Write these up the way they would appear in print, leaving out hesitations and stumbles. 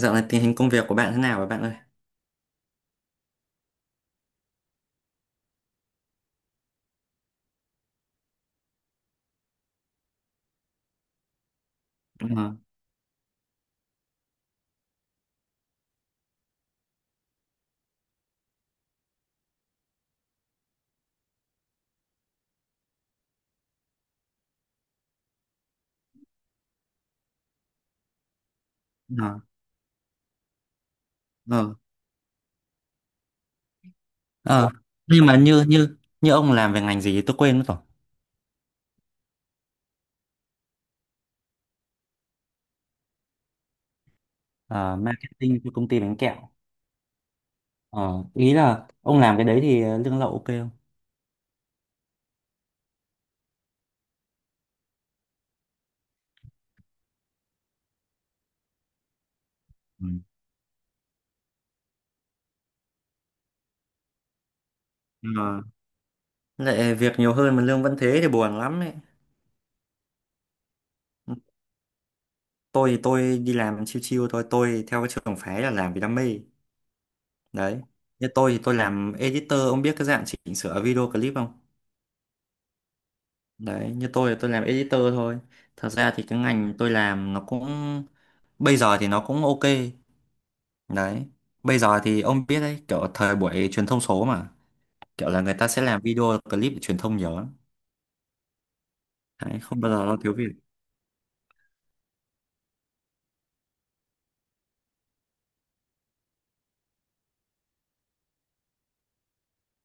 Dạo này tình hình công việc của bạn thế nào rồi bạn ơi? ờ ờ ờ ờ. Nhưng mà như như như ông làm về ngành gì, tôi quên mất rồi. Ờ, marketing cho công ty bánh kẹo. Ờ, ý là ông làm cái đấy thì lương lậu ok không? Ừ. Ờ, lại việc nhiều hơn mà lương vẫn thế thì buồn lắm ấy. Tôi thì tôi đi làm chill chill thôi, tôi theo cái trường phái là làm vì đam mê. Đấy. Như tôi thì tôi làm editor, ông biết cái dạng chỉnh sửa video clip không? Đấy, như tôi thì tôi làm editor thôi. Thật ra thì cái ngành tôi làm nó cũng bây giờ thì nó cũng ok, đấy. Bây giờ thì ông biết đấy, kiểu thời buổi truyền thông số mà. Kiểu là người ta sẽ làm video clip để truyền thông nhiều lắm. Đấy, không bao giờ nó thiếu việc,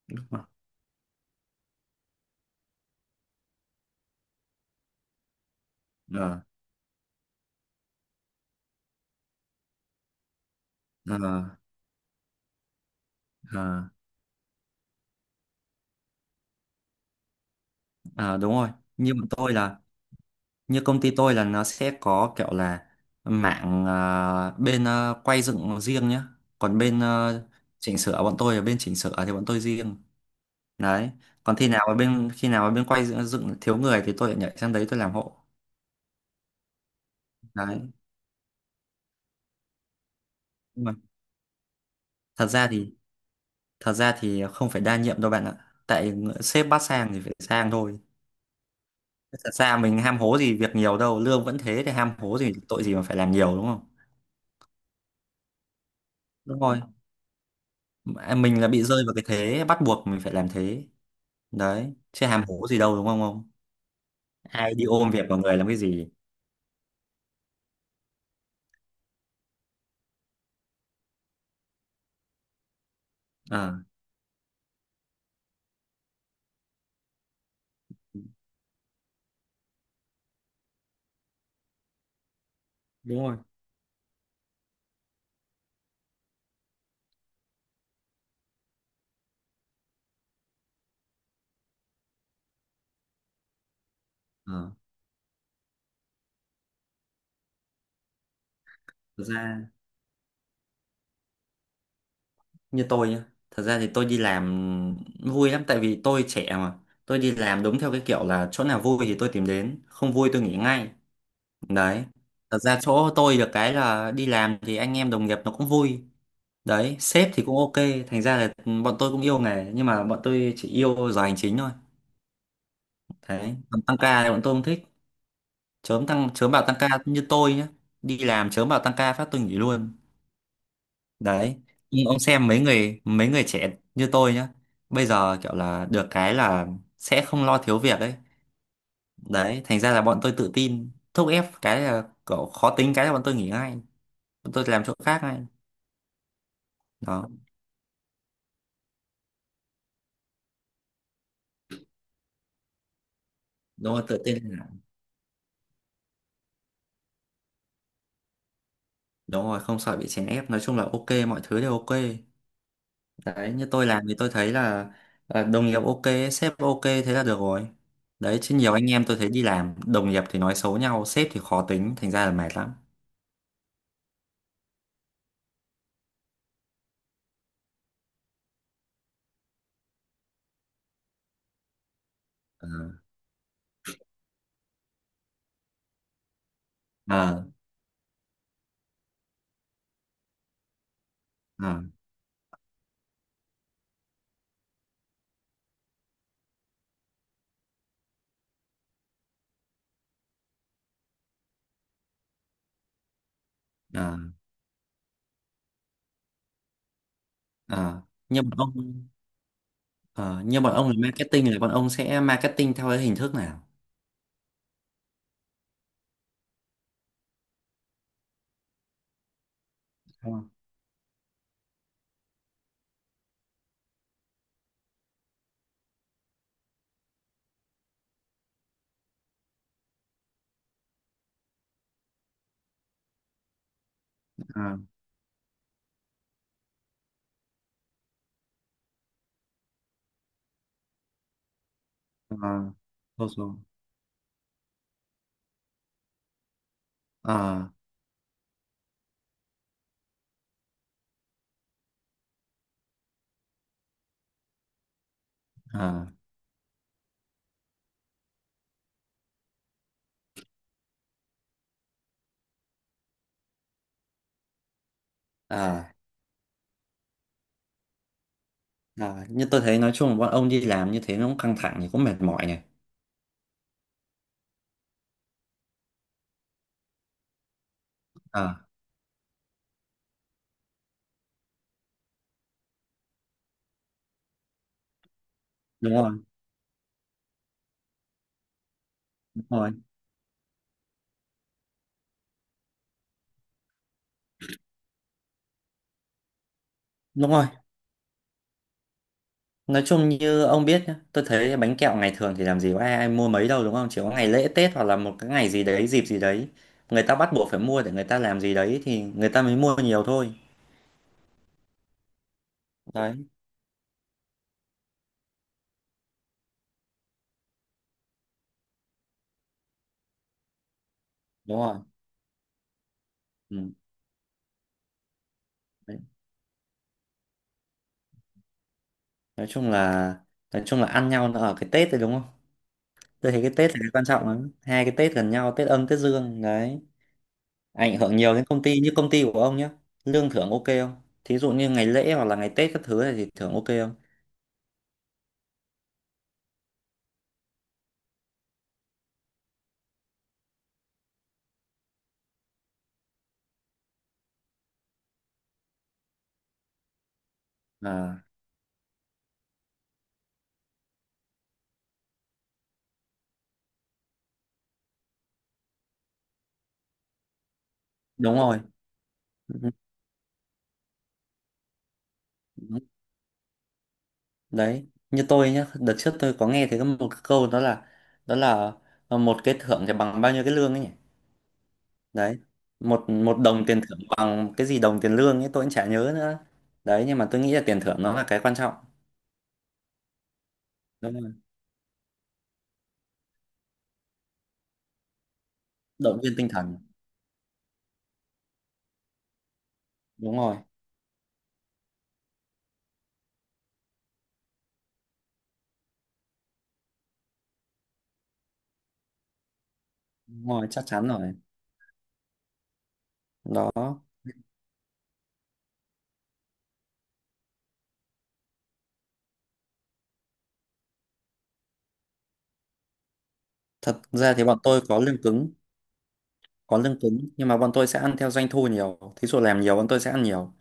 đúng không? Ờ, ờ, ờ, ờ, đúng rồi. như bọn tôi là Như công ty tôi là nó sẽ có kiểu là mạng bên quay dựng riêng nhá. Còn bên chỉnh sửa, bọn tôi là bên chỉnh sửa thì bọn tôi riêng. Đấy. Còn khi nào mà bên quay dựng, thiếu người thì tôi lại nhảy sang đấy tôi làm hộ. Đấy, nhưng mà thật ra thì thật ra thì không phải đa nhiệm đâu bạn ạ. Tại sếp bắt sang thì phải sang thôi. Thật ra mình ham hố gì việc nhiều đâu, lương vẫn thế thì ham hố gì, tội gì mà phải làm nhiều, đúng không? Đúng rồi. Mà mình là bị rơi vào cái thế bắt buộc mình phải làm thế. Đấy, chứ ham hố gì đâu đúng không ông? Ai đi ôm việc vào người làm cái gì? Ờ, đúng rồi. Ờ, thật ra như tôi nhá, thật ra thì tôi đi làm vui lắm tại vì tôi trẻ mà. Tôi đi làm đúng theo cái kiểu là chỗ nào vui thì tôi tìm đến, không vui tôi nghỉ ngay. Đấy. Thật ra chỗ tôi được cái là đi làm thì anh em đồng nghiệp nó cũng vui. Đấy, sếp thì cũng ok. Thành ra là bọn tôi cũng yêu nghề nhưng mà bọn tôi chỉ yêu giờ hành chính thôi. Đấy, còn tăng ca thì bọn tôi không thích. Chớm bảo tăng ca như tôi nhá. Đi làm chớm bảo tăng ca phát tôi nghỉ luôn. Đấy. Nhưng ông xem mấy người trẻ như tôi nhá, bây giờ kiểu là được cái là sẽ không lo thiếu việc ấy. Đấy, thành ra là bọn tôi tự tin, thúc ép cái là kiểu khó tính cái là bọn tôi nghỉ ngay. Bọn tôi làm chỗ khác ngay. Đó. Đúng rồi, tự tin là- đúng rồi, không sợ bị chèn ép, nói chung là ok, mọi thứ đều ok. Đấy, như tôi làm thì tôi thấy là à, đồng nghiệp ok, sếp ok thế là được rồi. Đấy chứ nhiều anh em tôi thấy đi làm đồng nghiệp thì nói xấu nhau, sếp thì khó tính, thành ra là mệt lắm. Ờ ờ ờ ờ ờ. như bọn ông ờ, Như bọn ông là marketing là bọn ông sẽ marketing theo cái hình thức nào? Ờ, ờ, ờ, thôi. ờ ờ ờ ờ. Như tôi thấy nói chung là bọn ông đi làm như thế nó cũng căng thẳng thì cũng mệt mỏi này. Ờ, đúng rồi, đúng rồi, đúng rồi. Nói chung như ông biết nhá, tôi thấy bánh kẹo ngày thường thì làm gì có ai, ai mua mấy đâu đúng không, chỉ có ngày lễ Tết hoặc là một cái ngày gì đấy, dịp gì đấy người ta bắt buộc phải mua để người ta làm gì đấy thì người ta mới mua nhiều thôi. Đấy. Đúng rồi. Ừ. Đấy. nói chung là nói chung là ăn nhau nó ở cái Tết đấy, đúng không? Tôi thấy cái Tết là cái quan trọng lắm, 2 cái Tết gần nhau, Tết âm Tết dương đấy, ảnh hưởng nhiều đến công ty như công ty của ông nhá. Lương thưởng ok không? Thí dụ như ngày lễ hoặc là ngày Tết các thứ này thì thưởng ok không? À, đúng rồi. Ừ, đấy như tôi nhá, đợt trước tôi có nghe thấy có một cái câu, đó là một cái thưởng thì bằng bao nhiêu cái lương ấy nhỉ. Đấy, một một đồng tiền thưởng bằng cái gì đồng tiền lương ấy tôi cũng chả nhớ nữa. Đấy nhưng mà tôi nghĩ là tiền thưởng nó là cái quan trọng. Đúng rồi, động viên tinh thần. Đúng rồi, đúng rồi, chắc chắn rồi. Đó. Thật ra thì bọn tôi có lương cứng nhưng mà bọn tôi sẽ ăn theo doanh thu nhiều, thí dụ làm nhiều bọn tôi sẽ ăn nhiều.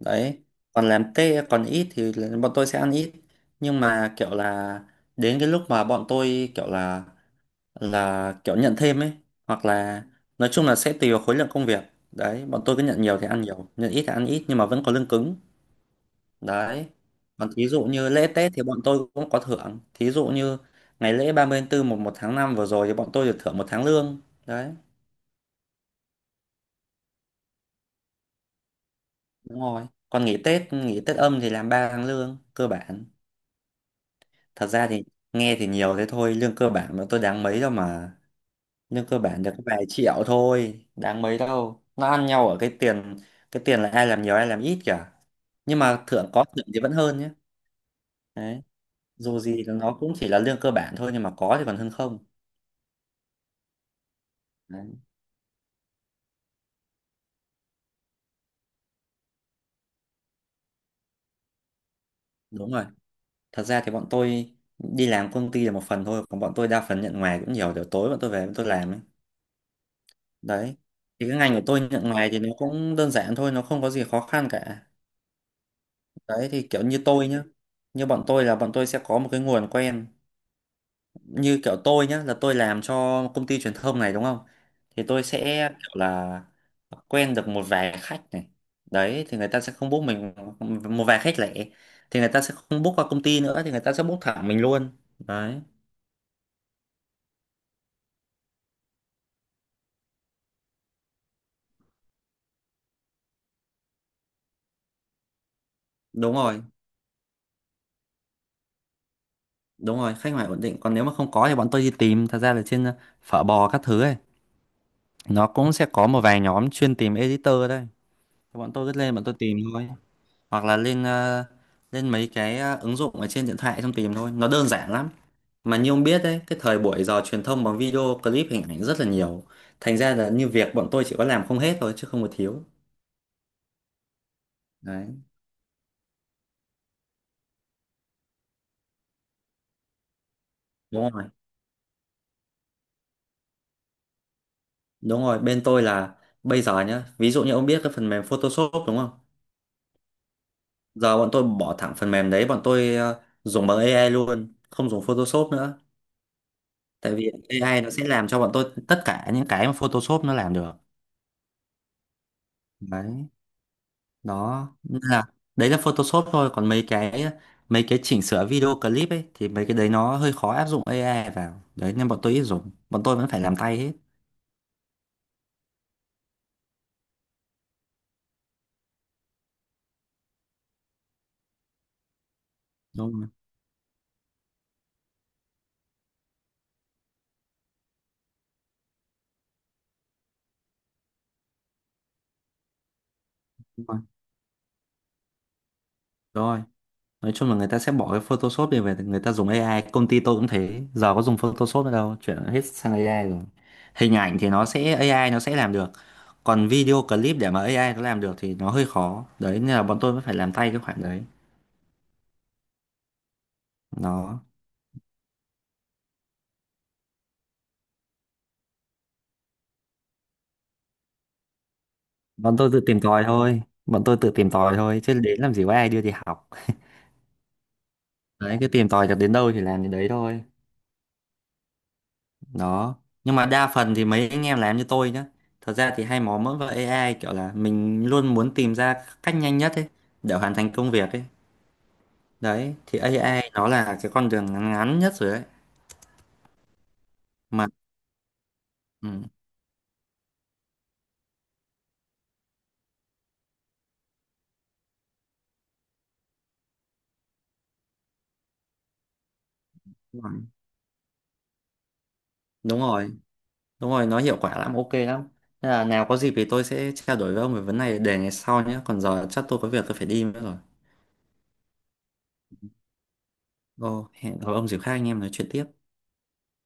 Đấy, còn làm tê còn ít thì là bọn tôi sẽ ăn ít. Nhưng mà kiểu là đến cái lúc mà bọn tôi kiểu là kiểu nhận thêm ấy, hoặc là nói chung là sẽ tùy vào khối lượng công việc. Đấy, bọn tôi cứ nhận nhiều thì ăn nhiều, nhận ít thì ăn ít nhưng mà vẫn có lương cứng. Đấy, còn thí dụ như lễ Tết thì bọn tôi cũng có thưởng, thí dụ như ngày lễ 30 tháng 4 một một tháng 5 vừa rồi thì bọn tôi được thưởng 1 tháng lương. Đấy. Đúng rồi, còn nghỉ Tết âm thì làm 3 tháng lương cơ bản. Thật ra thì nghe thì nhiều thế thôi, lương cơ bản mà tôi đáng mấy đâu mà. Lương cơ bản được có vài triệu thôi đáng mấy đâu, nó ăn nhau ở cái tiền, cái tiền là ai làm nhiều ai làm ít cả. Nhưng mà thưởng, có thưởng thì vẫn hơn nhé. Đấy, dù gì thì nó cũng chỉ là lương cơ bản thôi nhưng mà có thì còn hơn không. Đấy. Đúng rồi. Thật ra thì bọn tôi đi làm công ty là một phần thôi, còn bọn tôi đa phần nhận ngoài cũng nhiều, kiểu tối bọn tôi về bọn tôi làm ấy. Đấy thì cái ngành của tôi nhận ngoài thì nó cũng đơn giản thôi, nó không có gì khó khăn cả. Đấy thì kiểu như tôi nhá, như bọn tôi là bọn tôi sẽ có một cái nguồn quen. Như kiểu tôi nhá, là tôi làm cho công ty truyền thông này, đúng không? Thì tôi sẽ kiểu là quen được một vài khách này. Đấy thì người ta sẽ không book mình, một vài khách lẻ thì người ta sẽ không book qua công ty nữa thì người ta sẽ book thẳng mình luôn. Đấy, đúng rồi, đúng rồi, khách hàng ổn định. Còn nếu mà không có thì bọn tôi đi tìm, thật ra là trên phở bò các thứ ấy, nó cũng sẽ có một vài nhóm chuyên tìm editor đây. Bọn tôi cứ lên bọn tôi tìm thôi, hoặc là lên mấy cái ứng dụng ở trên điện thoại xong tìm thôi, nó đơn giản lắm. Mà như ông biết đấy, cái thời buổi giờ truyền thông bằng video clip hình ảnh rất là nhiều, thành ra là như việc bọn tôi chỉ có làm không hết thôi chứ không có thiếu. Đấy. Đúng rồi. Đúng rồi, bên tôi là bây giờ nhá, ví dụ như ông biết cái phần mềm Photoshop đúng không? Giờ bọn tôi bỏ thẳng phần mềm đấy, bọn tôi dùng bằng AI luôn, không dùng Photoshop nữa. Tại vì AI nó sẽ làm cho bọn tôi tất cả những cái mà Photoshop nó làm được. Đấy. Đó nên là đấy là Photoshop thôi, còn mấy cái chỉnh sửa video clip ấy thì mấy cái đấy nó hơi khó áp dụng AI vào đấy, nên bọn tôi ít dùng, bọn tôi vẫn phải làm tay hết. Đúng rồi. Đúng rồi, rồi. Nói chung là người ta sẽ bỏ cái Photoshop đi về người ta dùng AI, công ty tôi cũng thế, giờ có dùng Photoshop nữa đâu, chuyển hết sang AI rồi. Hình ảnh thì nó sẽ AI nó sẽ làm được. Còn video clip để mà AI nó làm được thì nó hơi khó đấy, nên là bọn tôi vẫn phải làm tay cái khoản đấy. Nó bọn tôi tự tìm tòi thôi chứ đến làm gì có ai đưa đi học. Đấy cứ tìm tòi được đến đâu thì làm đến đấy thôi. Đó. Nhưng mà đa phần thì mấy anh em làm như tôi nhá, thật ra thì hay mò mẫm vào AI, kiểu là mình luôn muốn tìm ra cách nhanh nhất ấy để hoàn thành công việc ấy. Đấy thì AI nó là cái con đường ngắn ngắn nhất rồi đấy, mà ừ, đúng rồi. Đúng rồi, đúng rồi, nó hiệu quả lắm, ok lắm. Thế là nào có dịp thì tôi sẽ trao đổi với ông về vấn này để ngày sau nhé, còn giờ chắc tôi có việc tôi phải đi nữa rồi. Ồ, hẹn gặp ông dịp khác anh em nói chuyện tiếp.